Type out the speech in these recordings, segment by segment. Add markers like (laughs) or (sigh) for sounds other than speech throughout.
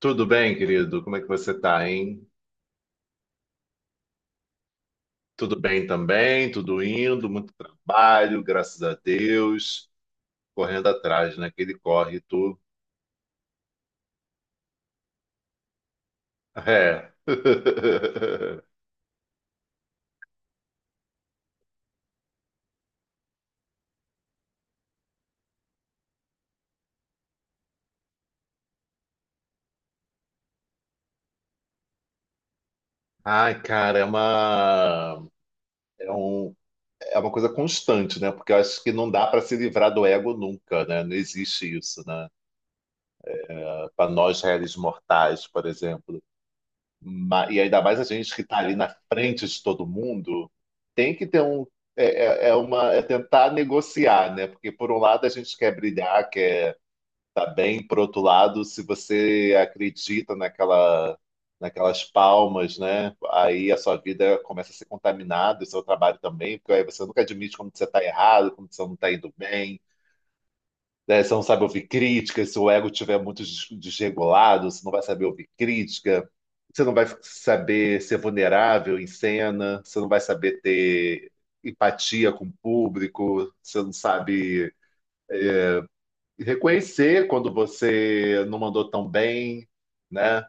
Tudo bem, querido? Como é que você tá, hein? Tudo bem também, tudo indo, muito trabalho, graças a Deus. Correndo atrás, né? Que ele corre, tu. É. (laughs) Ai, cara, é um, é uma coisa constante, né? Porque eu acho que não dá para se livrar do ego nunca, né? Não existe isso, né? Para nós, réis mortais, por exemplo. E ainda mais a gente que está ali na frente de todo mundo, tem que ter um. É tentar negociar, né? Porque por um lado a gente quer brilhar, quer estar tá bem, por outro lado, se você acredita naquelas palmas, né? Aí a sua vida começa a ser contaminada, o seu trabalho também, porque aí você nunca admite quando você está errado, quando você não está indo bem, né? Você não sabe ouvir crítica, se o ego estiver muito desregulado, você não vai saber ouvir crítica, você não vai saber ser vulnerável em cena, você não vai saber ter empatia com o público, você não sabe reconhecer quando você não mandou tão bem, né?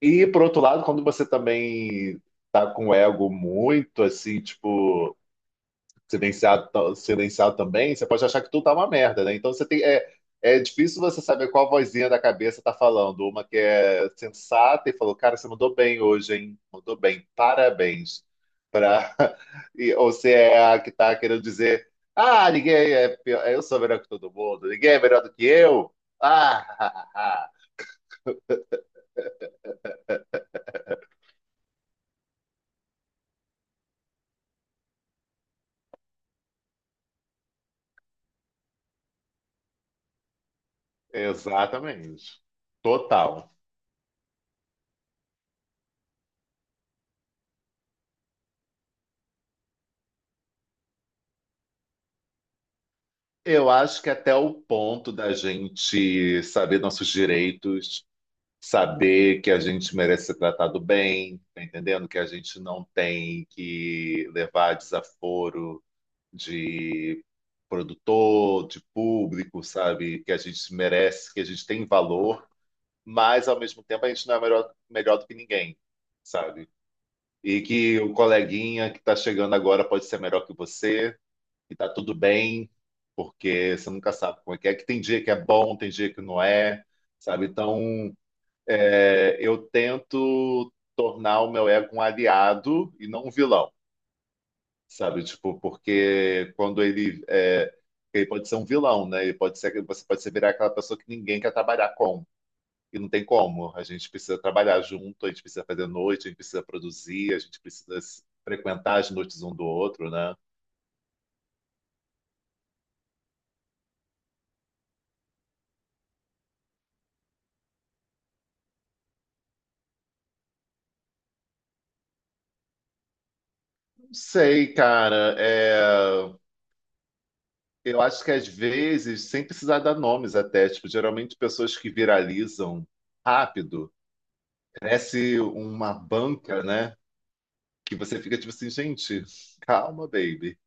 E por outro lado, quando você também tá com o ego muito assim, tipo silenciado, silenciado também, você pode achar que tudo tá uma merda, né? Então é difícil você saber qual vozinha da cabeça tá falando. Uma que é sensata e falou, cara, você mandou bem hoje, hein? Mandou bem, parabéns. Pra... (laughs) E, ou você é a que tá querendo dizer, ah, ninguém é pior, eu sou melhor que todo mundo, ninguém é melhor do que eu. Ah, (laughs) exatamente. Total. Eu acho que até o ponto da gente saber nossos direitos, saber que a gente merece ser tratado bem, tá entendendo? Que a gente não tem que levar desaforo de produtor, de público, sabe? Que a gente merece, que a gente tem valor, mas ao mesmo tempo a gente não é melhor, melhor do que ninguém, sabe? E que o coleguinha que está chegando agora pode ser melhor que você, e tá tudo bem, porque você nunca sabe como é, que tem dia que é bom, tem dia que não é, sabe? Então, eu tento tornar o meu ego um aliado e não um vilão, sabe? Tipo, porque quando ele é, ele pode ser um vilão, né? Ele pode ser, você pode ser virar aquela pessoa que ninguém quer trabalhar com. E não tem como. A gente precisa trabalhar junto, a gente precisa fazer noite, a gente precisa produzir, a gente precisa frequentar as noites um do outro, né? Não sei, cara. Eu acho que às vezes, sem precisar dar nomes até, tipo, geralmente pessoas que viralizam rápido. Parece uma banca, né? Que você fica tipo assim, gente, calma, baby.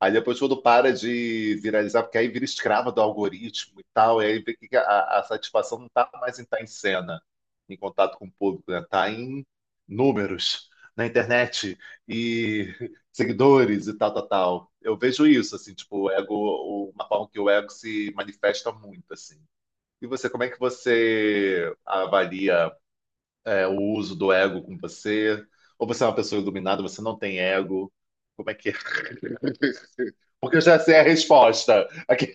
Aí depois quando para de viralizar, porque aí vira escrava do algoritmo e tal, e aí vê que a satisfação não tá mais em estar em cena, em contato com o público, né? Tá em números na internet e (laughs) seguidores e tal, tal, tal. Eu vejo isso, assim, tipo, o ego, uma forma que o ego se manifesta muito, assim. E você, como é que você avalia? O uso do ego com você? Ou você é uma pessoa iluminada, você não tem ego? Como é que é? (laughs) Porque eu já sei a resposta. Aqui.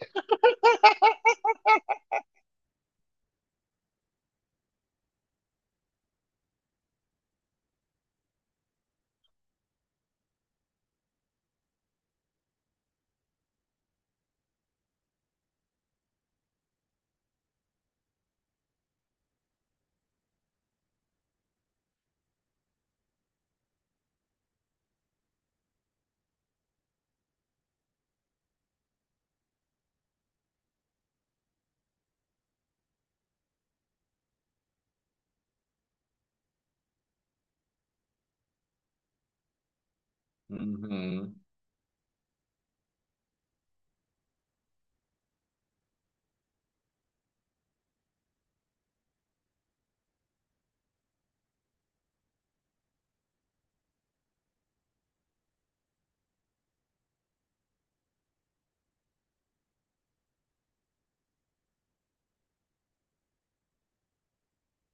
Uhum,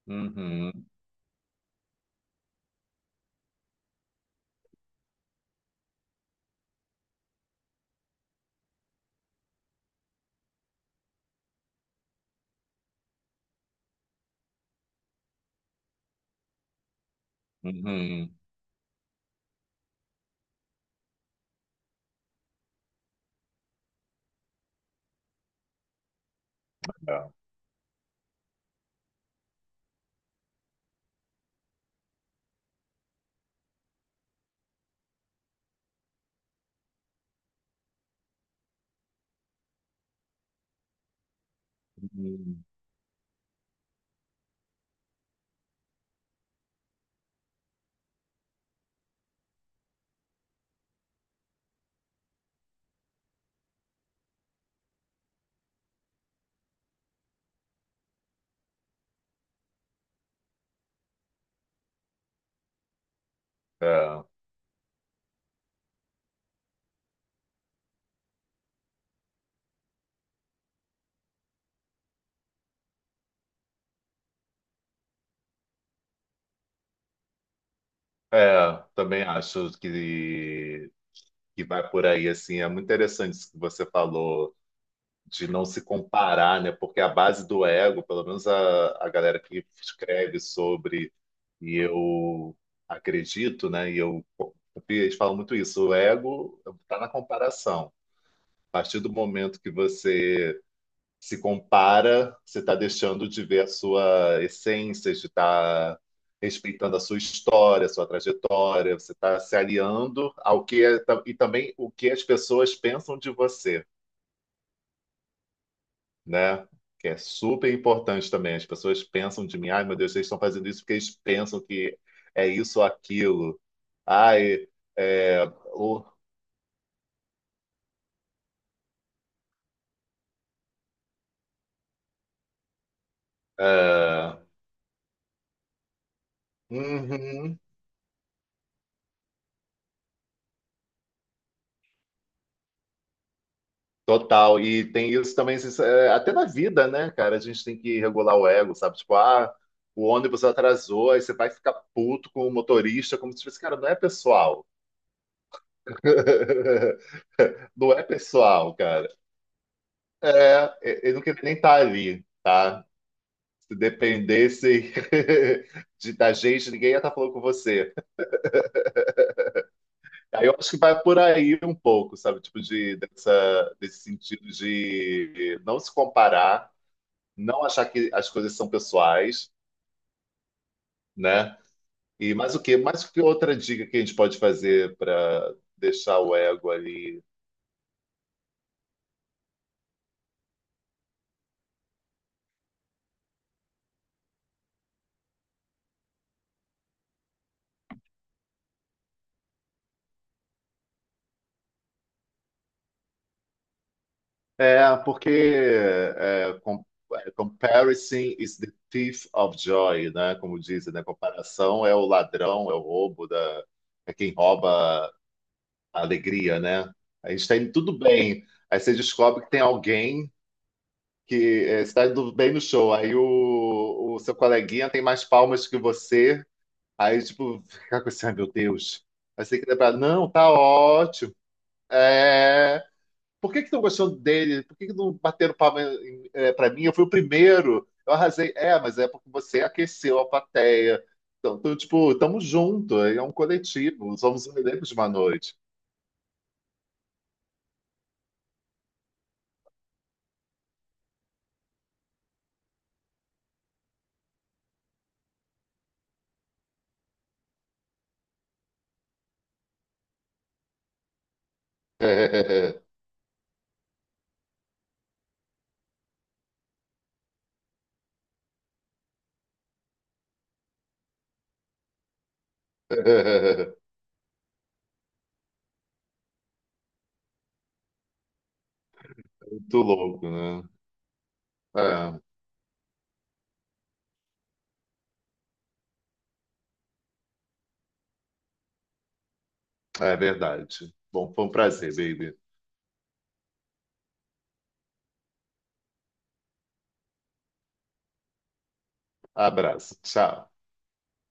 uhum, uhum. É, uhum, é. Também acho que vai por aí, assim. É muito interessante isso que você falou, de não se comparar, né? Porque a base do ego, pelo menos a galera que escreve sobre, e eu acredito, né? Eles falam muito isso, o ego está na comparação. A partir do momento que você se compara, você está deixando de ver a sua essência, de estar respeitando a sua história, a sua trajetória, você está se aliando ao que é, e também o que as pessoas pensam de você, né? Que é super importante também. As pessoas pensam de mim, ai meu Deus, eles estão fazendo isso porque eles pensam que é isso ou aquilo. Ai, é, o, é, uhum, total. E tem isso também, isso é, até na vida, né, cara? A gente tem que regular o ego, sabe? Tipo, ah, o ônibus atrasou, aí você vai ficar puto com o motorista, como se fosse, cara, não é pessoal. (laughs) Não é pessoal, cara. É, ele não queria nem estar ali. Tá. Se dependesse (laughs) da gente, ninguém ia estar falando com você. Aí eu acho que vai por aí um pouco, sabe? Tipo, desse sentido de não se comparar, não achar que as coisas são pessoais, né? E mais o quê? Mais que outra dica que a gente pode fazer para deixar o ego ali? É, porque é, com- é, comparison is the thief of joy, né? Como dizem, né? Comparação é o ladrão, é o roubo da, é quem rouba a alegria, né? A gente tá indo tudo bem. Aí você descobre que tem alguém que está indo bem no show. Aí o seu coleguinha tem mais palmas que você. Aí, tipo, (laughs) fica com esse, ai meu Deus. Aí você quer pra. Não, tá ótimo. É... Por que que estão gostando dele? Por que que não bateram palma pra mim? Eu fui o primeiro. Eu arrasei. É, mas é porque você aqueceu a plateia. Então, tu, tipo, tamo junto. É um coletivo. Somos um elenco de uma noite. (laughs) Muito louco, né? É, é verdade. Bom, foi um prazer, baby. Abraço. Tchau.